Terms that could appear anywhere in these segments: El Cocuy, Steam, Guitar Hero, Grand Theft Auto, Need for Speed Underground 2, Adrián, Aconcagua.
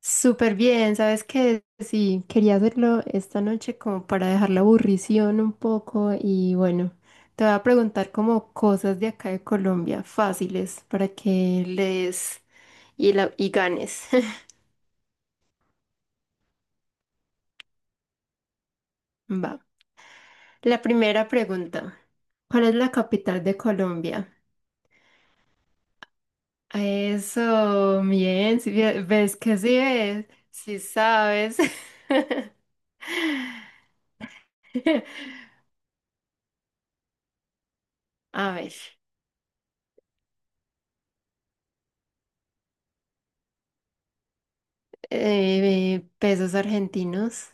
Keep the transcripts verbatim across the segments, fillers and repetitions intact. Súper bien, ¿sabes qué? Sí, quería hacerlo esta noche como para dejar la aburrición un poco y bueno, te voy a preguntar como cosas de acá de Colombia fáciles para que lees y, la, y ganes. Va. La primera pregunta. ¿Cuál es la capital de Colombia? Eso, bien, sí, ve- ves que sí ves, sí sabes. A ver, eh, pesos argentinos.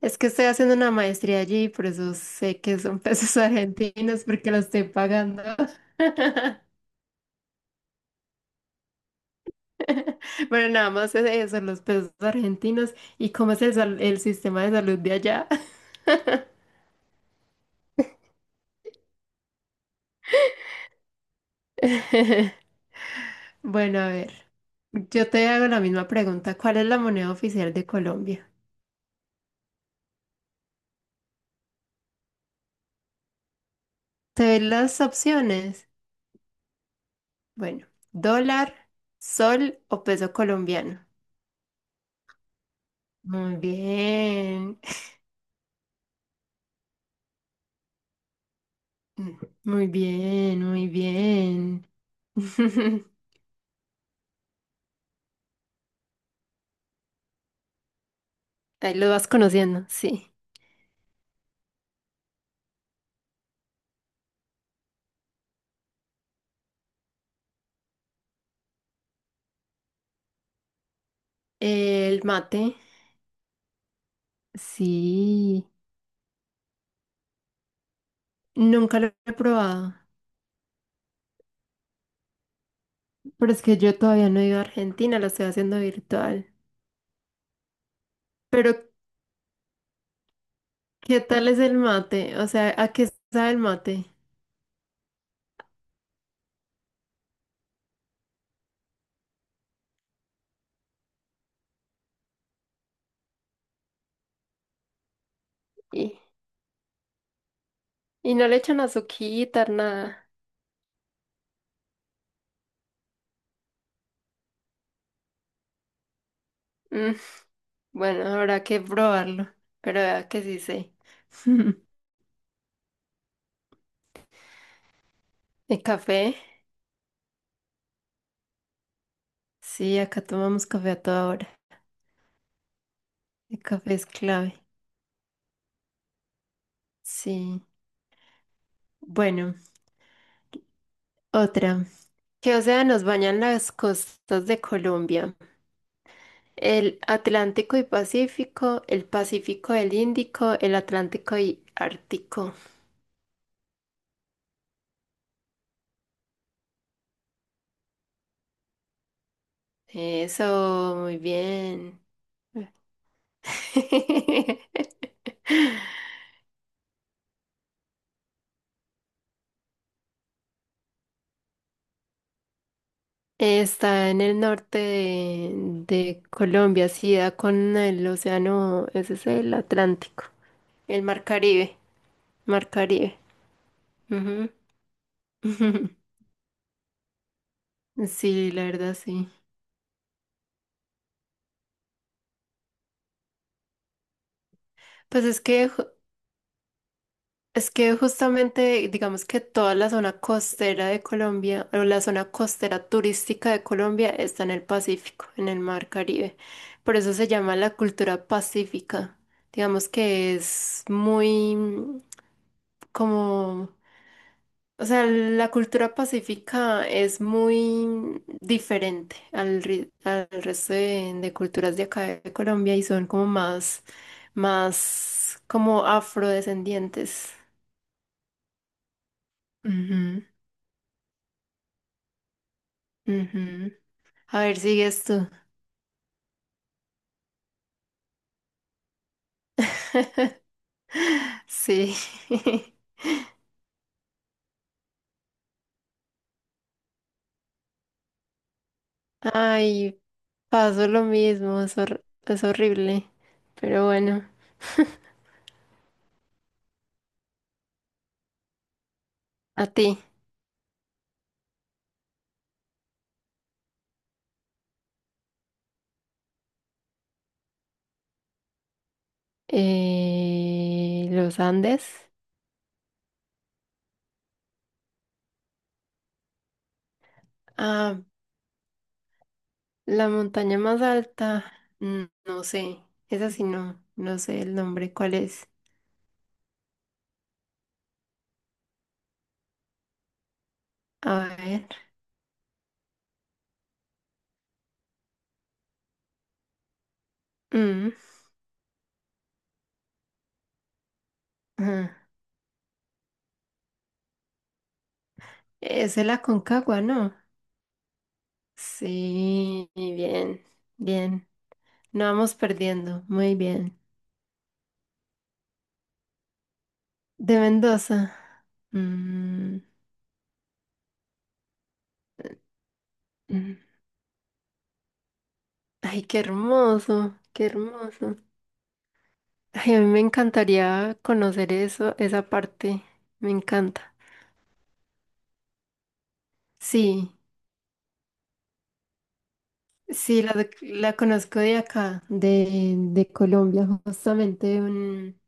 Es que estoy haciendo una maestría allí, y por eso sé que son pesos argentinos, porque los estoy pagando. Pero nada más es eso, los pesos argentinos y cómo es el, sal- el sistema de salud de allá. Bueno, a ver, yo te hago la misma pregunta. ¿Cuál es la moneda oficial de Colombia? ¿Te doy las opciones? Bueno, dólar, sol o peso colombiano. Muy bien, muy bien, muy bien. Ahí lo vas conociendo, sí. El mate, sí. Nunca lo he probado, pero es que yo todavía no he ido a Argentina, lo estoy haciendo virtual. Pero, ¿qué tal es el mate? O sea, ¿a qué sabe el mate? Y, y no le echan azuquita, nada. Mm, bueno, habrá que probarlo, pero vea que sí sé. ¿El café? Sí, acá tomamos café a toda hora. El café es clave. Sí. Bueno, otra. ¿Qué océanos bañan las costas de Colombia? El Atlántico y Pacífico, el Pacífico, el Índico, el Atlántico y Ártico. Eso, muy bien. Está en el norte de, de Colombia, sí, da con el océano, ese es el Atlántico, el Mar Caribe, Mar Caribe. Ujú. Sí, la verdad, sí. Pues es que ju- Es que justamente, digamos que toda la zona costera de Colombia, o la zona costera turística de Colombia está en el Pacífico, en el Mar Caribe. Por eso se llama la cultura pacífica. Digamos que es muy mm, como, o sea, la cultura pacífica es muy diferente al, ri- al resto de, de culturas de acá de Colombia y son como más, más como afrodescendientes. Ujú. Ujú. A ver, sigues tú. Sí. Ay, pasó lo mismo, es, hor- es horrible. Pero bueno, a ti. Eh, los Andes. Ah, la montaña más alta. Mm, no sé. Esa sí no. No sé el nombre. ¿Cuál es? A ver. Mm, ajá. Es el Aconcagua, ¿no? Sí, bien. Bien. No vamos perdiendo. Muy bien. De Mendoza. Mm, mm. Ay, qué hermoso, qué hermoso. Ay, a mí me encantaría conocer eso, esa parte. Me encanta. Sí, sí, la, de- la conozco de acá, de, de Colombia, justamente de un,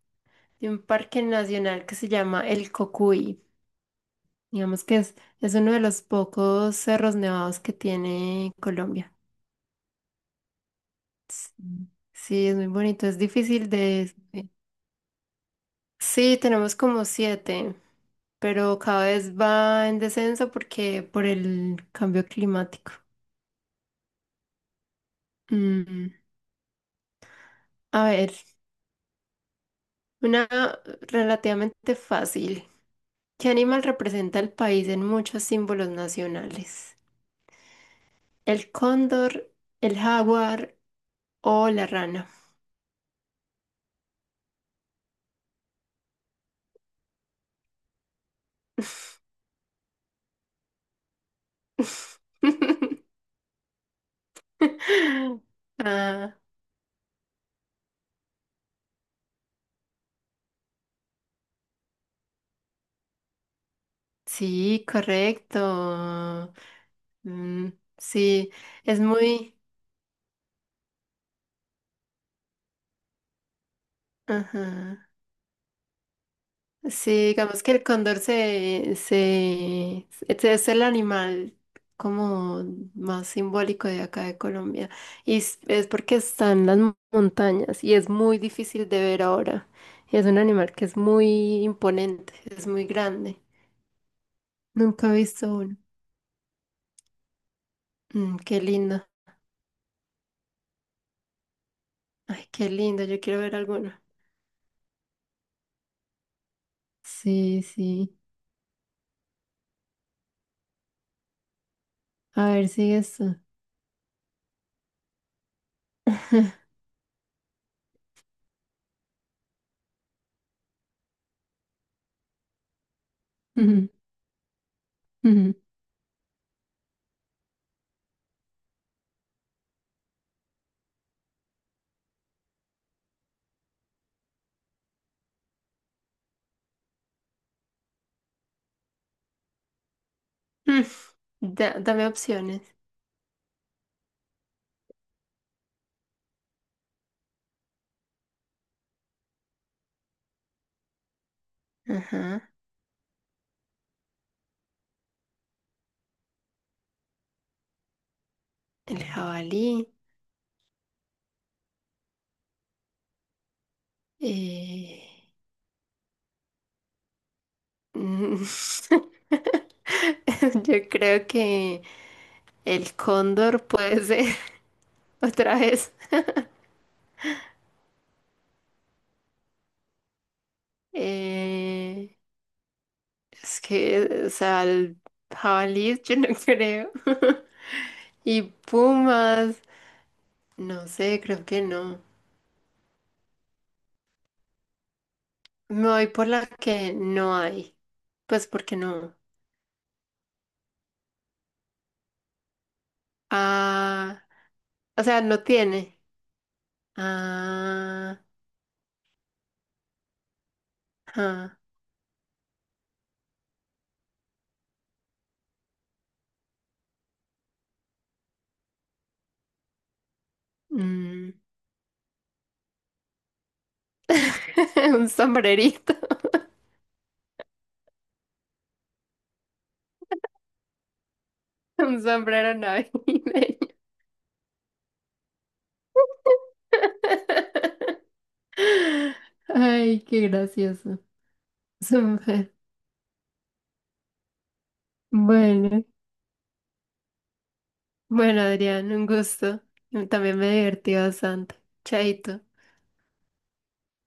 de un parque nacional que se llama El Cocuy. Digamos que es, es uno de los pocos cerros nevados que tiene Colombia. Sí, sí, es muy bonito, es difícil de... Sí, tenemos como siete, pero cada vez va en descenso porque por el cambio climático. Mm, a ver, una relativamente fácil. ¿Qué animal representa el país en muchos símbolos nacionales? ¿El cóndor, el jaguar o la rana? Ah, sí, correcto. Mm, sí, es muy... Ajá. Sí, digamos que el cóndor se, se, este es el animal como más simbólico de acá de Colombia. Y es, es porque está en las mon- montañas y es muy difícil de ver ahora. Y es un animal que es muy imponente, es muy grande. Nunca he visto uno. Mm, qué lindo. Ay, qué lindo. Yo quiero ver alguno. Sí, sí. A ver, sigue esto. Mm, mm. Mm, da- dame opciones. Ajá. El jabalí. Eh, mm, yo creo que el cóndor puede ser otra vez. Eh, es que, o sea, el jabalí yo no creo. Y pumas, no sé, creo que no. Me voy por la que no hay. Pues porque no. Ah, o sea, no tiene. Ah, ah, mm. Un sombrerito, un sombrero navideño. Ay, qué gracioso. Súper. Bueno, bueno, Adrián, un gusto. También me divertí bastante. Chaito.